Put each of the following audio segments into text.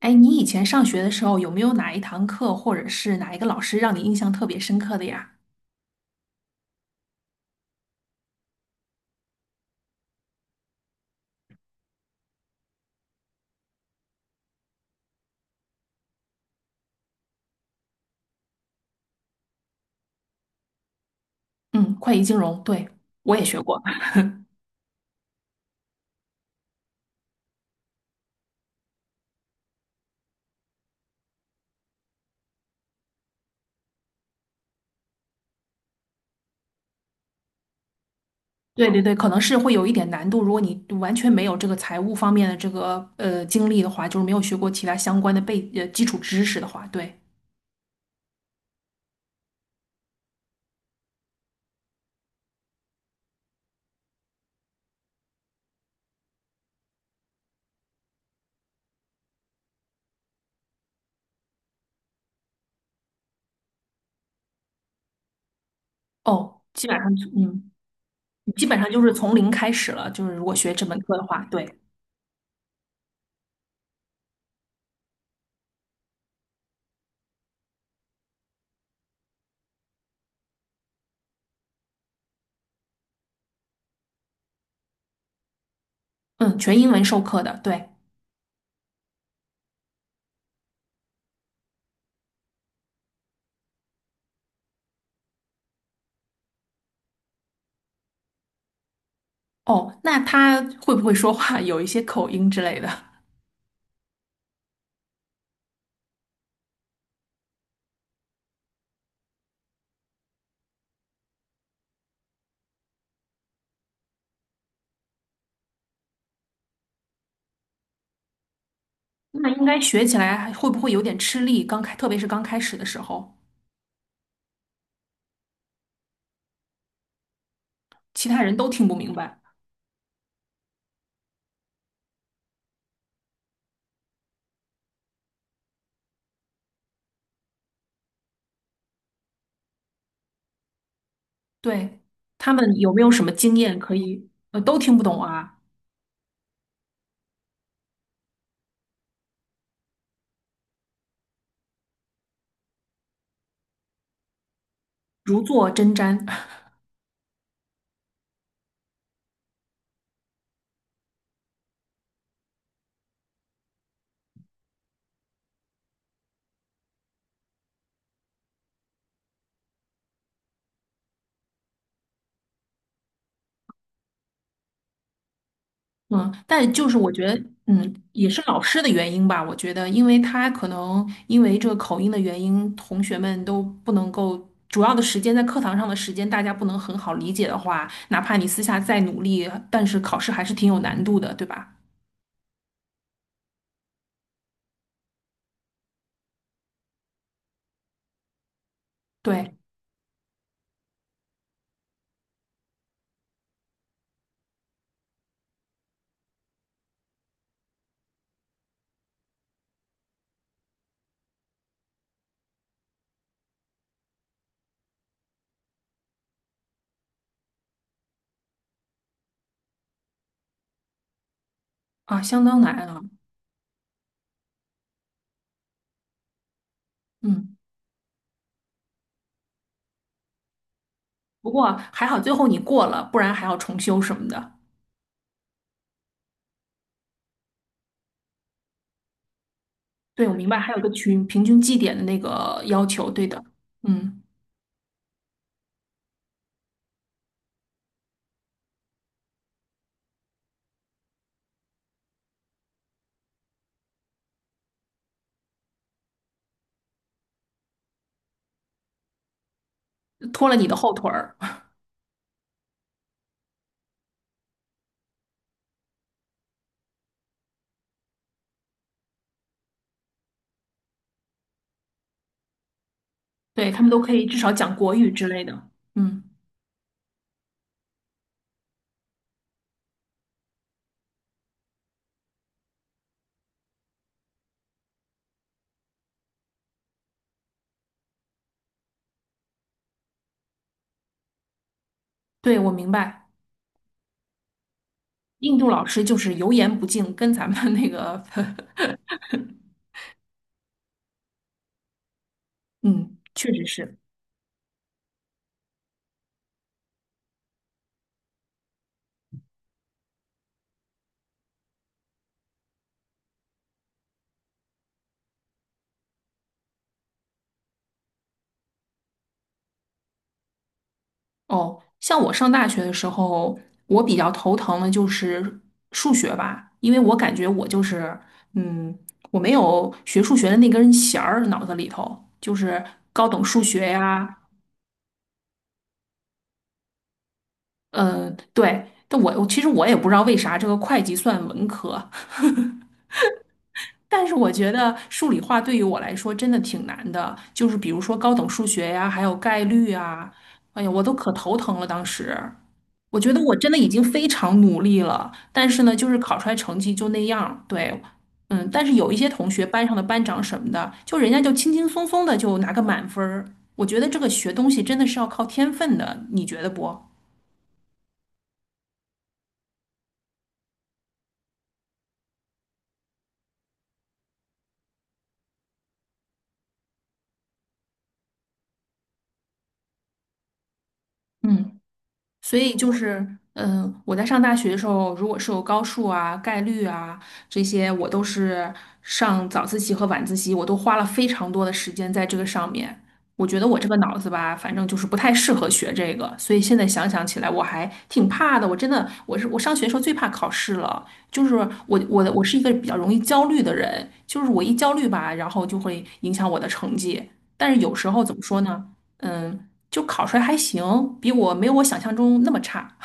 哎，你以前上学的时候有没有哪一堂课或者是哪一个老师让你印象特别深刻的呀？嗯，会计金融，对，我也学过。对对对，可能是会有一点难度，如果你完全没有这个财务方面的这个经历的话，就是没有学过其他相关的基础知识的话，对。哦，基本上就是从零开始了，就是如果学这门课的话，对，嗯，全英文授课的，对。哦，那他会不会说话有一些口音之类的？那应该学起来还会不会有点吃力？刚开，特别是刚开始的时候，其他人都听不明白。对，他们有没有什么经验可以，都听不懂啊，如坐针毡。嗯，但就是我觉得，嗯，也是老师的原因吧。我觉得，因为他可能因为这个口音的原因，同学们都不能够。主要的时间在课堂上的时间，大家不能很好理解的话，哪怕你私下再努力，但是考试还是挺有难度的，对吧？对啊，相当难啊。嗯。不过还好最后你过了，不然还要重修什么的。对，我明白，还有个群平均绩点的那个要求，对的，嗯，拖了你的后腿儿，对，他们都可以至少讲国语之类的，嗯，对，我明白，印度老师就是油盐不进，跟咱们那个，嗯，确实是。哦，像我上大学的时候，我比较头疼的就是数学吧，因为我感觉我就是，嗯，我没有学数学的那根弦儿，脑子里头就是高等数学呀，嗯，对。但我其实我也不知道为啥这个会计算文科，但是我觉得数理化对于我来说真的挺难的，就是比如说高等数学呀，还有概率啊，哎呀，我都可头疼了当时。我觉得我真的已经非常努力了，但是呢，就是考出来成绩就那样儿对，嗯，但是有一些同学，班上的班长什么的，就人家就轻轻松松的就拿个满分儿。我觉得这个学东西真的是要靠天分的，你觉得不？嗯。所以就是，嗯，我在上大学的时候，如果是有高数啊、概率啊这些，我都是上早自习和晚自习，我都花了非常多的时间在这个上面。我觉得我这个脑子吧，反正就是不太适合学这个，所以现在想想起来，我还挺怕的。我真的，我上学的时候最怕考试了，就是我是一个比较容易焦虑的人，就是我一焦虑吧，然后就会影响我的成绩。但是有时候怎么说呢？嗯，就考出来还行，没有我想象中那么差。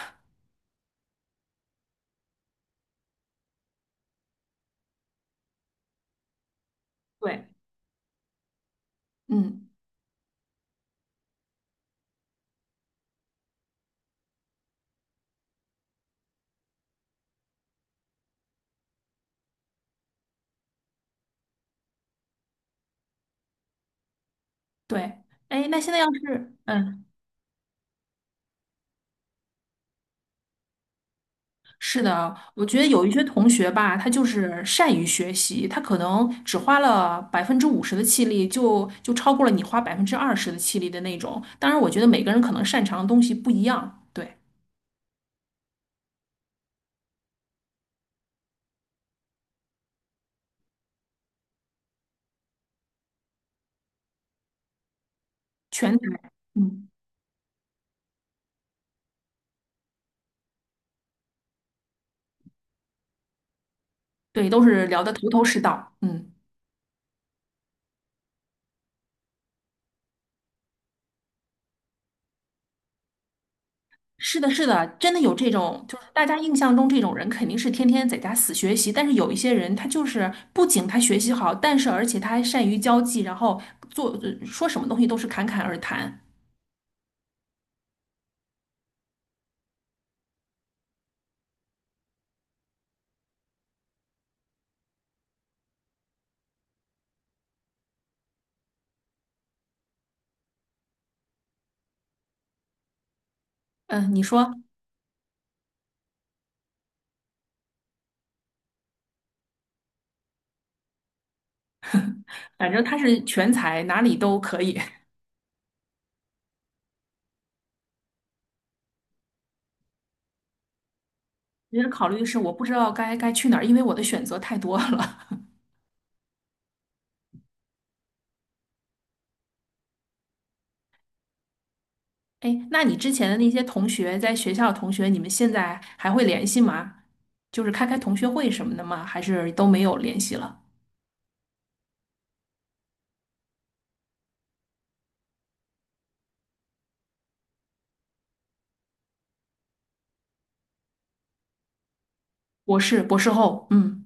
对，嗯，对，哎，那现在要是，嗯，是的，我觉得有一些同学吧，他就是善于学习，他可能只花了百分之五十的气力就，就超过了你花百分之二十的气力的那种。当然，我觉得每个人可能擅长的东西不一样，对，全才，嗯，对，都是聊得头头是道，嗯，是的，是的，真的有这种，就是大家印象中这种人肯定是天天在家死学习，但是有一些人他就是不仅他学习好，但是而且他还善于交际，然后说什么东西都是侃侃而谈。嗯，你说，反正他是全才，哪里都可以。其实考虑是我不知道该去哪儿，因为我的选择太多了。哎，那你之前的那些同学，在学校的同学，你们现在还会联系吗？就是开开同学会什么的吗？还是都没有联系了？博士，博士后，嗯。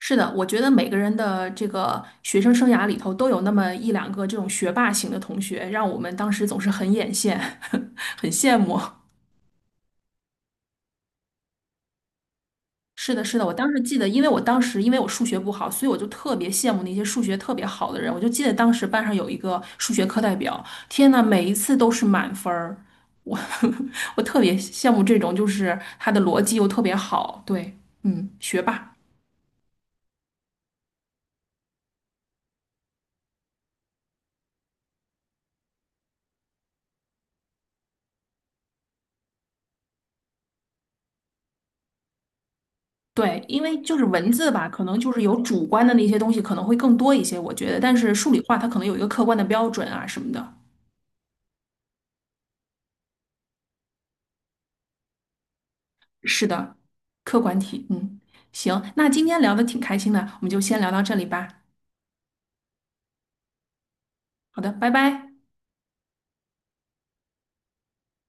是的，我觉得每个人的这个学生生涯里头都有那么一两个这种学霸型的同学，让我们当时总是很眼羡，很羡慕。是的，是的，我当时记得，因为我当时因为我数学不好，所以我就特别羡慕那些数学特别好的人。我就记得当时班上有一个数学课代表，天呐，每一次都是满分儿，我 我特别羡慕这种，就是他的逻辑又特别好，对，嗯，学霸。对，因为就是文字吧，可能就是有主观的那些东西可能会更多一些，我觉得。但是数理化它可能有一个客观的标准啊什么的。是的，客观题。嗯，行，那今天聊的挺开心的，我们就先聊到这里吧。好的，拜拜。